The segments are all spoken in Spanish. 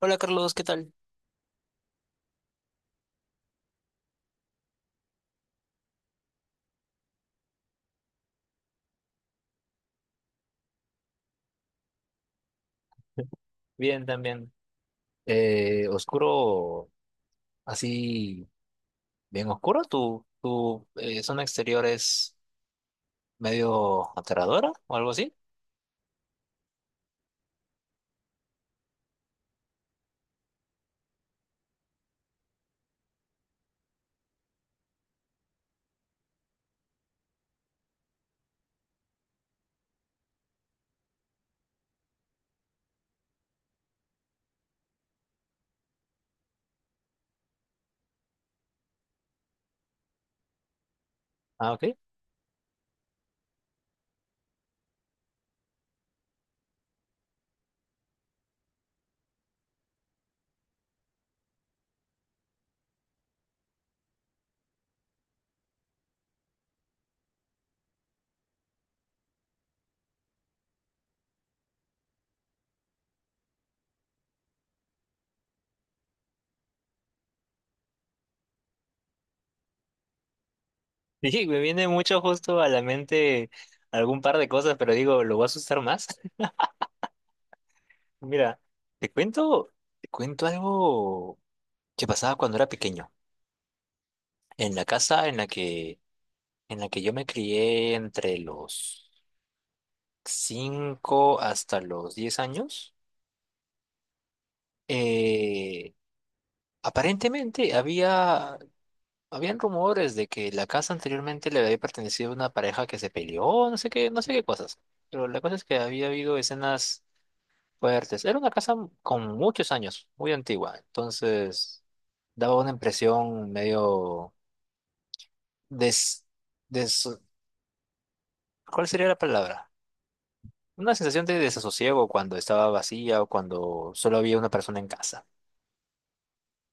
Hola Carlos, ¿qué tal? Bien, también. Oscuro, así, bien oscuro. ¿Tu zona exterior es medio aterradora o algo así? Ah, ok. Sí, me viene mucho justo ante algún par de cosas, pero digo, lo voy a asustar más. Mira, te cuento, te cuento algo que pasa pequeño. En la casa, en la que yo, 5, eh, aparentemente había. Habían rumores de que la casa anteriormente le había pertenecido a una pareja que se peleó, no sé qué, no sé qué cosas. Pero la cosa es que había habido escenas fuertes. Era una casa con muchos años, muy antigua. Entonces, daba una impresión medio des, des, ¿cuál sería la palabra? Una sensación de desasosiego cuando estaba vacía o cuando solo había una persona en casa.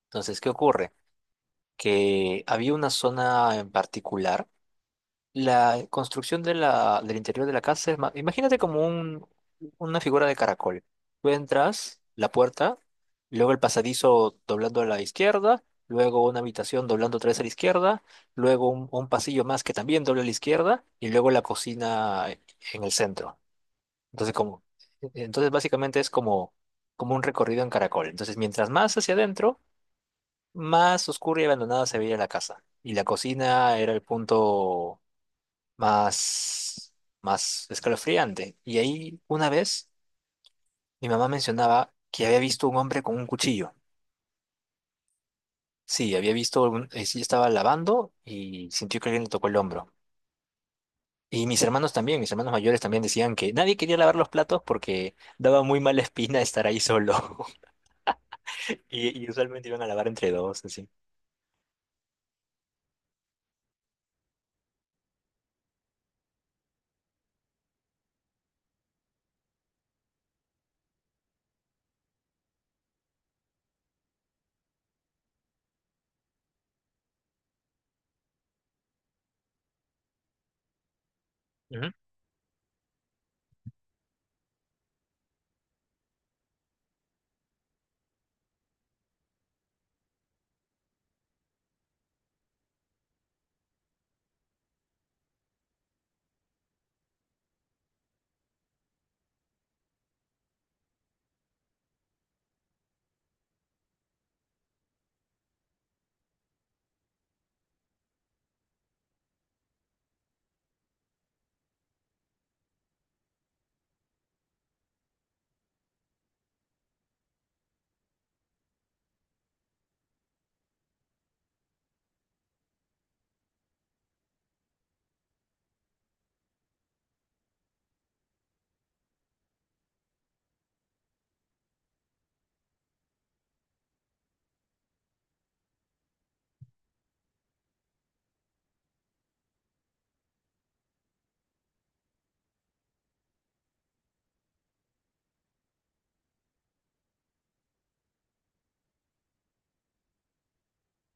Entonces, ¿qué ocurre? Que había una zona en particular. La construcción de del interior de la casa es ma-. Imagínate como una figura de caracol. Tú entras, la puerta, luego el pasadizo doblando a la izquierda, luego una habitación doblando otra vez a la izquierda, luego un pasillo más que también dobla a la izquierda y luego la cocina en el centro. Entonces, como, entonces básicamente es como, como un recorrido en caracol. Entonces, mientras más hacia adentro, más oscura y abandonada se veía la casa. Y la cocina era el punto más, más escalofriante. Y ahí una vez mi mamá mencionaba que había visto un hombre con un cuchillo. Sí, había visto, un, sí estaba lavando y sintió que alguien le tocó el hombro. Y mis hermanos también, mis hermanos mayores también decían que nadie quería lavar los platos porque daba muy mala espina estar ahí solo. Y, y usualmente iban a lavar entre dos, así. Ujú.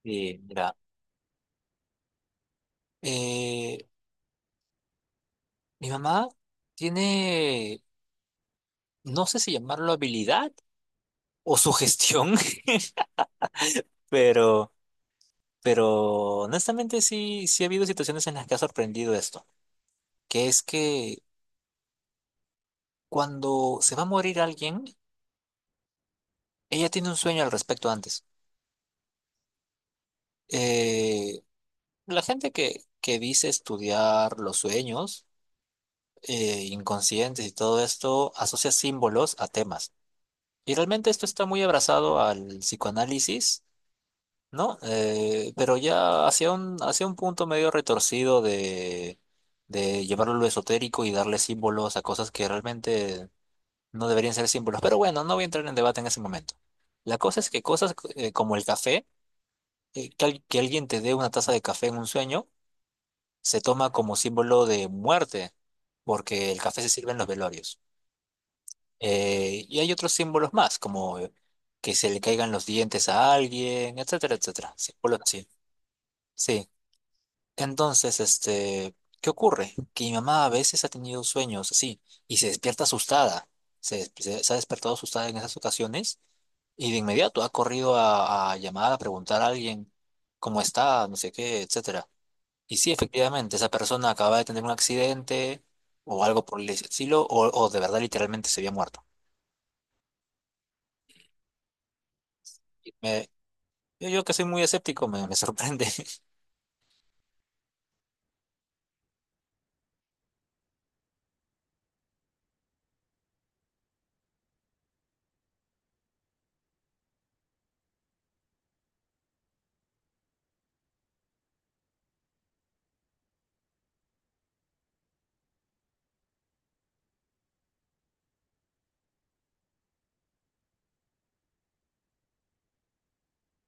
Y mira, eh, mi mamá tiene, no sé si llamarlo habilidad o sugestión, pero... Pero honestamente sí, sí ha habido situaciones en las que ha sorprendido esto, que es que cuando se va a morir alguien, ella tiene un sueño al respecto antes. Eh, la gente que dice estudiar los sueños inconscientes y todo esto asocia símbolos a temas. Y realmente esto está muy abrazado al psicoanálisis, ¿no? Pero ya hacia hacia un punto medio retorcido de llevarlo a lo esotérico y darle símbolos a cosas que realmente no deberían ser símbolos, pero bueno, no voy a entrar en debate en ese momento. La cosa es que cosas como el café, que alguien te dé una taza de café en un sueño, se toma como símbolo de muerte, porque el café se sirve en los velorios. Y hay otros símbolos más, como que se le caigan los dientes a alguien, etcétera, etcétera. Símbolos así. Sí. Entonces, este, ¿qué ocurre? Que mi mamá a veces ha tenido sueños así y se despierta asustada. Se ha despertado asustada en esas ocasiones. Y de inmediato ha corrido a llamar a preguntar a alguien cómo está, no sé qué, etcétera. Y sí, efectivamente, esa persona acaba de tener un accidente o algo por el estilo, o de verdad literalmente se había muerto. Y me- yo que soy muy escéptico, me sorprende.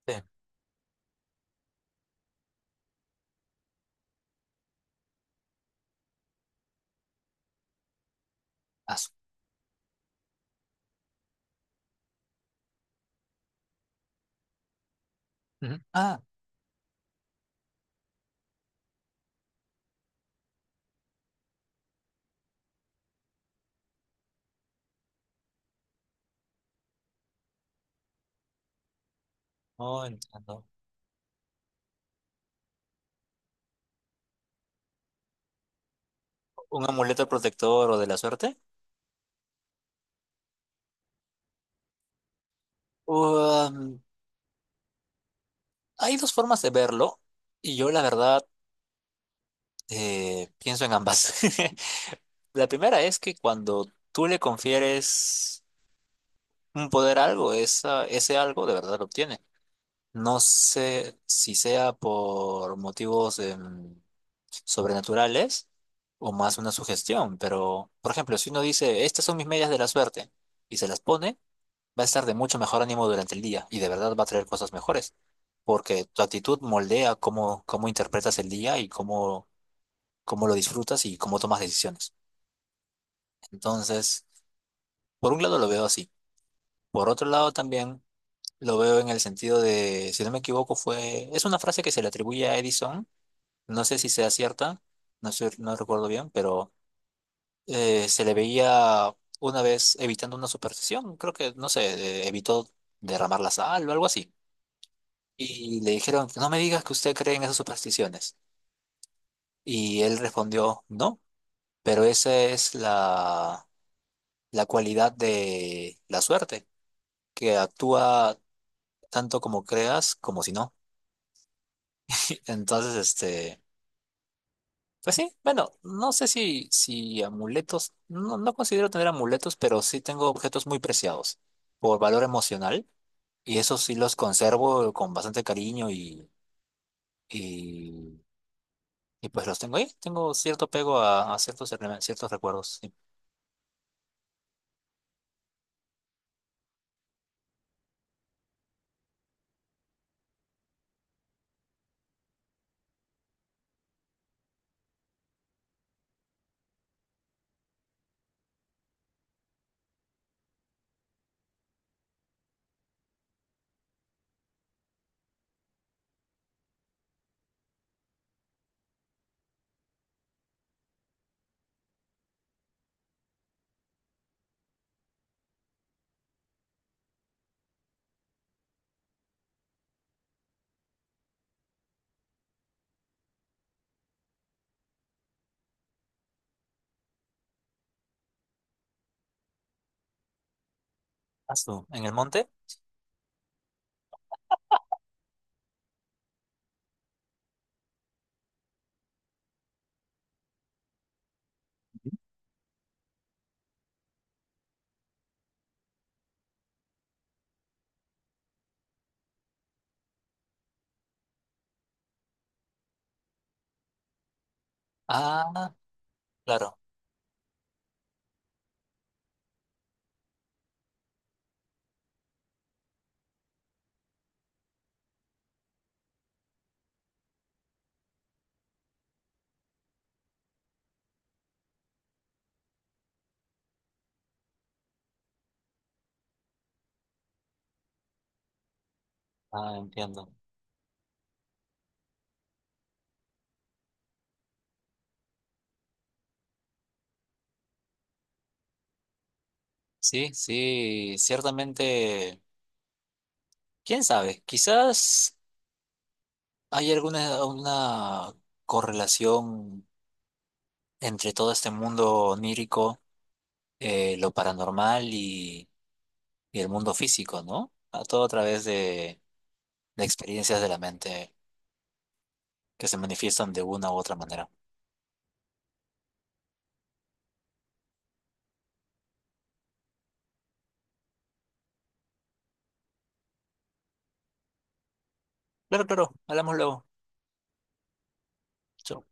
Sí. Ah, su- ujú. Ah, no entiendo. ¿Un amuleto protector o de la suerte? Um, hay dos formas de verlo, y yo la verdad pienso en ambas. La primera es que cuando tú le confieres un poder algo, esa, ese algo de verdad lo obtiene. No sé si sea por motivos sobrenaturales o más una sugestión, pero por ejemplo, si uno dice, estas son mis medias de la suerte y se las pone, va a estar de mucho mejor ánimo durante el día y de verdad va a traer cosas mejores, porque tu actitud moldea cómo, cómo interpretas el día y cómo, cómo lo disfrutas y cómo tomas decisiones. Entonces, por un lado lo veo así. Por otro lado también... Lo veo en el sentido de, si no me equivoco, fue, es una frase que se le atribuye a Edison, no sé si sea cierta, no sé, no recuerdo bien, pero se le veía una vez evitando una superstición, creo que, no sé, evitó derramar la sal o algo así. Y le dijeron, no me digas que usted cree en esas supersticiones. Y él respondió, no, pero esa es la, la cualidad de la suerte, que actúa tanto como creas como si no. Entonces, este... Pues sí, bueno, no sé si, si amuletos, no, no considero tener amuletos, pero sí tengo objetos muy preciados por valor emocional y esos sí los conservo con bastante cariño y, y pues los tengo ahí. Tengo cierto apego a ciertos, rele- ciertos recuerdos. Sí. Ah, su- ¿En el monte? Ah, claro. Ah, entiendo. Sí, sí, ciertamente, quién sabe, quizás hay alguna una correlación entre todo este mundo onírico lo paranormal y el mundo físico, ¿no? A todo a través de experiencias de la mente que se manifiestan de una u otra manera. Claro, claro, hablamos luego. Chao.